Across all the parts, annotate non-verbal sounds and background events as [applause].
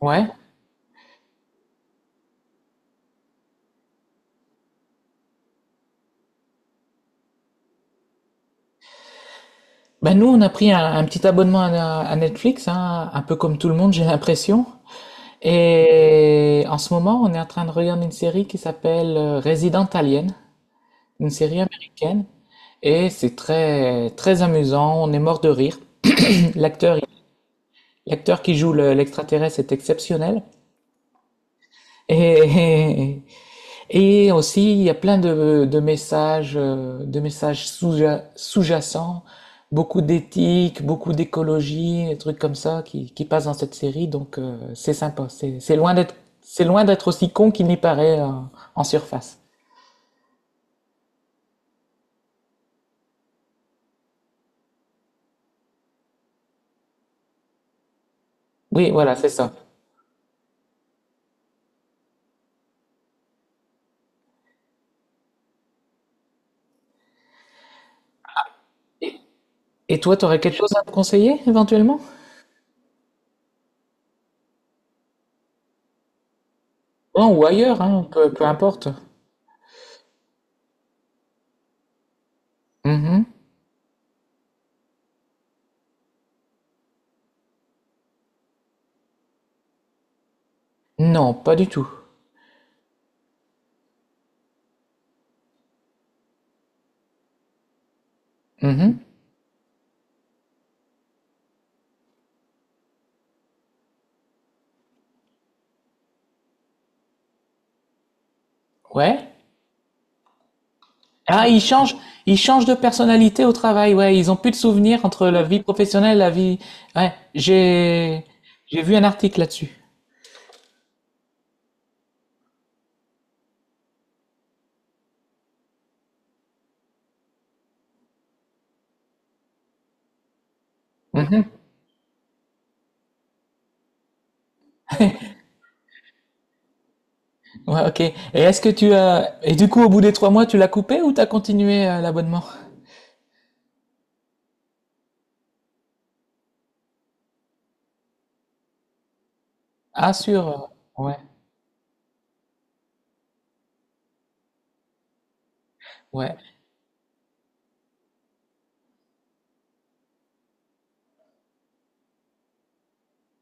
Ouais. Bah nous, on a pris un petit abonnement à Netflix, hein, un peu comme tout le monde, j'ai l'impression. Et en ce moment, on est en train de regarder une série qui s'appelle Resident Alien, une série américaine. Et c'est très, très amusant, on est mort de rire. [clears throat] L'acteur, L'acteur qui joue l'extraterrestre est exceptionnel. Et, [laughs] Et aussi, il y a plein de messages sous-jacents, beaucoup d'éthique, beaucoup d'écologie, des trucs comme ça qui passent dans cette série. Donc, c'est sympa. C'est loin c'est loin d'être aussi con qu'il n'y paraît en surface. Oui, voilà, c'est ça. Et toi, t'aurais quelque chose à me conseiller éventuellement? Non, ou ailleurs, hein, peu, peu importe. Mhm. Non, pas du tout. Mhm. Ouais. Ah, ils changent de personnalité au travail, ouais. Ils ont plus de souvenirs entre la vie professionnelle et la vie. Ouais, j'ai vu un article là-dessus. Ouais, ok. Et est-ce que tu as et du coup au bout des 3 mois tu l'as coupé ou t'as continué l'abonnement? Ah sûr, ouais, ouais.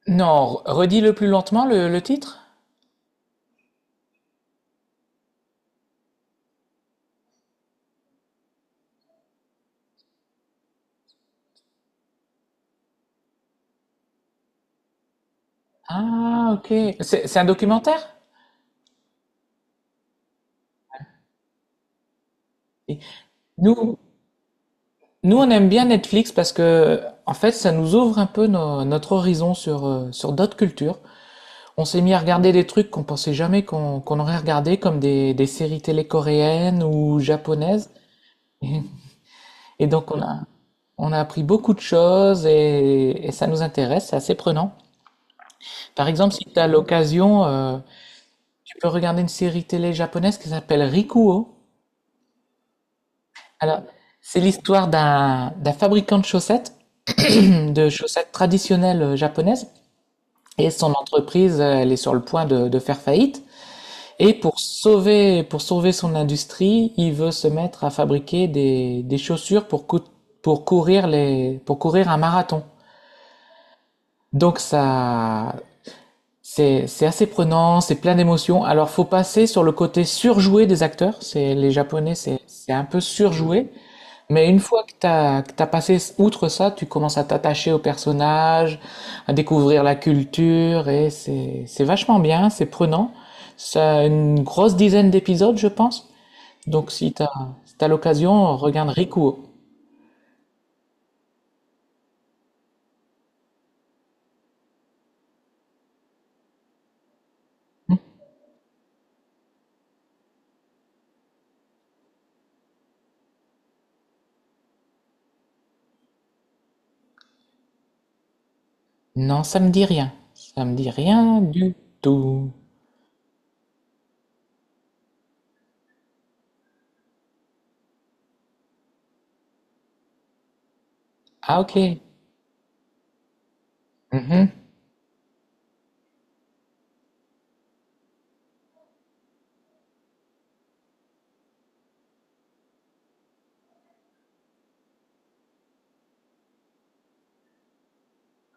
Non, redis-le plus lentement le titre. Ah ok. C'est un documentaire? Et Nous nous on aime bien Netflix parce que en fait ça nous ouvre un peu notre horizon sur sur d'autres cultures. On s'est mis à regarder des trucs qu'on pensait jamais qu'on aurait regardé, comme des séries télé coréennes ou japonaises. Et, et donc on a appris beaucoup de choses et ça nous intéresse, c'est assez prenant. Par exemple, si tu as l'occasion, tu peux regarder une série télé japonaise qui s'appelle Rikuo. Alors, c'est l'histoire d'un fabricant de chaussettes, [clears throat] de chaussettes traditionnelles japonaises. Et son entreprise, elle est sur le point de faire faillite. Et pour sauver son industrie, il veut se mettre à fabriquer des chaussures pour courir pour courir un marathon. Donc ça, c'est assez prenant, c'est plein d'émotions. Alors faut passer sur le côté surjoué des acteurs. C'est les Japonais, c'est un peu surjoué. Mais une fois que t'as passé outre ça, tu commences à t'attacher au personnage, à découvrir la culture et c'est vachement bien, c'est prenant. Ça a une grosse dizaine d'épisodes, je pense. Donc si t'as l'occasion, regarde Rikuo. Non, ça me dit rien. Ça me dit rien du tout. Ah ok. Mhm.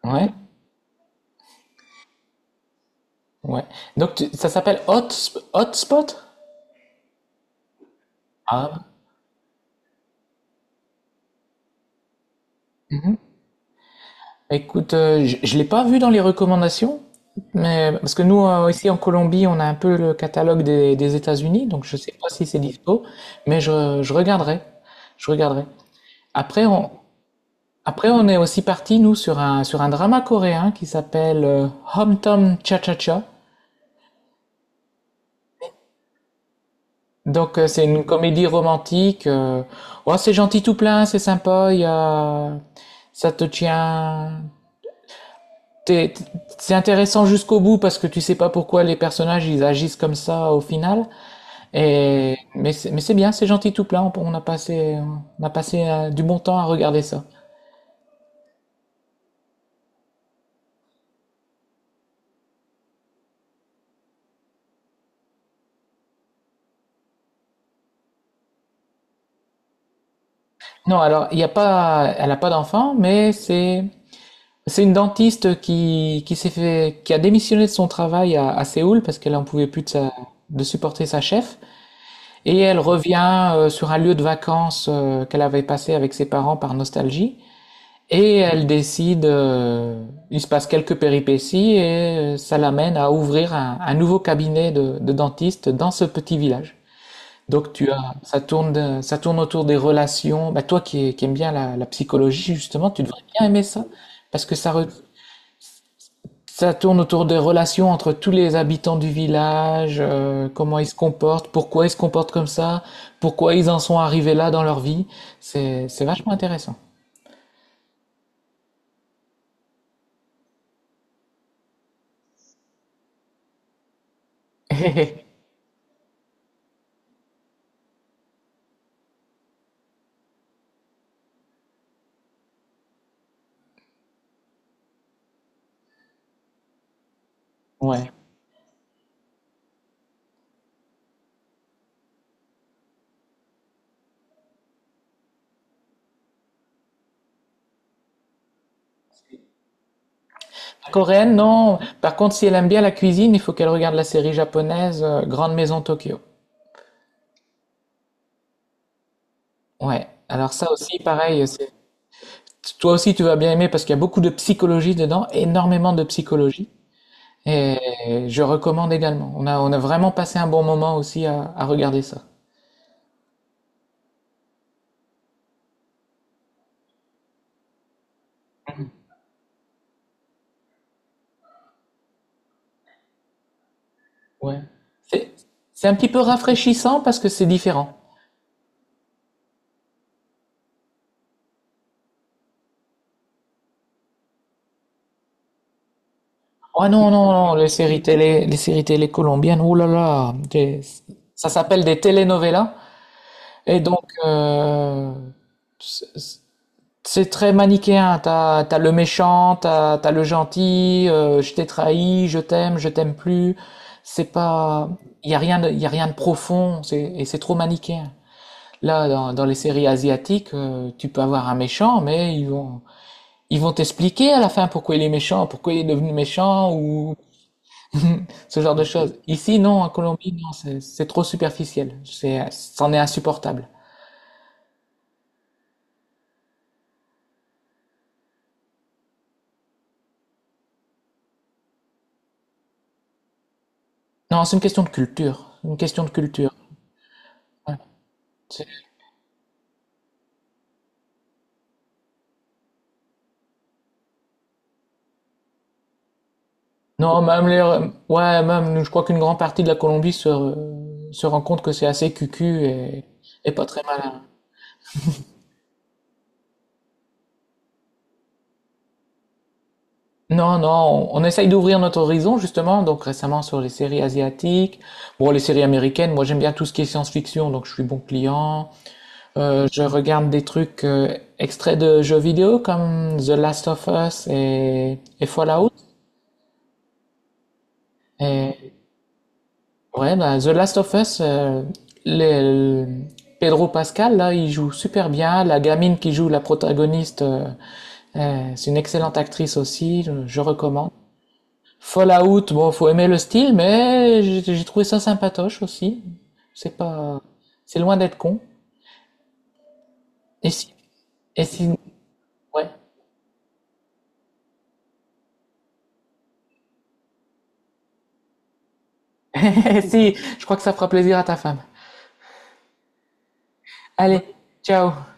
Ouais. Ouais. Donc ça s'appelle Hot, Hotspot? Ah, écoute, je l'ai pas vu dans les recommandations, mais parce que nous ici en Colombie, on a un peu le catalogue des États-Unis, donc je sais pas si c'est dispo, mais je regarderai, je regarderai. Après on, après on est aussi parti nous sur un drama coréen qui s'appelle Hom Tom Cha Cha Cha. Donc c'est une comédie romantique. Ouais, c'est gentil tout plein, c'est sympa. Il y a ça te tient t'es- C'est intéressant jusqu'au bout parce que tu sais pas pourquoi les personnages ils agissent comme ça au final. Mais c'est bien, c'est gentil tout plein. On a passé du bon temps à regarder ça. Non, alors il y a pas, elle a pas d'enfant, mais c'est une dentiste qui s'est fait qui a démissionné de son travail à Séoul parce qu'elle en pouvait plus de supporter sa chef et elle revient sur un lieu de vacances qu'elle avait passé avec ses parents par nostalgie. Et elle décide, il se passe quelques péripéties et ça l'amène à ouvrir un nouveau cabinet de dentiste dans ce petit village. Donc tu as, ça tourne autour des relations. Bah, toi qui aimes bien la, la psychologie justement, tu devrais bien aimer ça parce que ça tourne autour des relations entre tous les habitants du village, comment ils se comportent, pourquoi ils se comportent comme ça, pourquoi ils en sont arrivés là dans leur vie. C'est vachement intéressant. [laughs] Ouais. Coréenne, non. Par contre, si elle aime bien la cuisine, il faut qu'elle regarde la série japonaise Grande Maison Tokyo. Ouais. Alors ça aussi, pareil, c'est... toi aussi tu vas bien aimer parce qu'il y a beaucoup de psychologie dedans, énormément de psychologie. Et je recommande également. On a vraiment passé un bon moment aussi à regarder ça. Ouais. C'est, c'est un petit peu rafraîchissant parce que c'est différent. Oh non, non, non, les séries télé colombiennes, oh là là, ça s'appelle des telenovelas. Et donc, c'est c'est très manichéen. T'as, t'as le méchant, t'as, t'as le gentil, je t'ai trahi, je t'aime plus. C'est pas, il y a rien de, y a rien de profond, et c'est trop manichéen. Là, dans, dans les séries asiatiques, tu peux avoir un méchant, mais ils vont t'expliquer à la fin pourquoi il est méchant, pourquoi il est devenu méchant, ou [laughs] ce genre de choses. Ici, non, en Colombie, non, c'est trop superficiel. C'en est insupportable. Non, c'est une question de culture. Une question de culture. Ouais. C'est- Non, même les... ouais, même, nous, je crois qu'une grande partie de la Colombie se rend compte que c'est assez cucu et pas très malin. Non, non, on essaye d'ouvrir notre horizon, justement, donc récemment sur les séries asiatiques. Bon, les séries américaines, moi j'aime bien tout ce qui est science-fiction, donc je suis bon client. Je regarde des trucs extraits de jeux vidéo comme The Last of Us et Fallout. Et ouais, bah, The Last of Us, le- le- Pedro Pascal, là, il joue super bien. La gamine qui joue la protagoniste, c'est une excellente actrice aussi, je recommande. Fallout, bon, faut aimer le style, mais j'ai trouvé ça sympatoche aussi. C'est pas, c'est loin d'être con. Et si, et si, ouais. [laughs] Et si, je crois que ça fera plaisir à ta femme. Allez, ciao.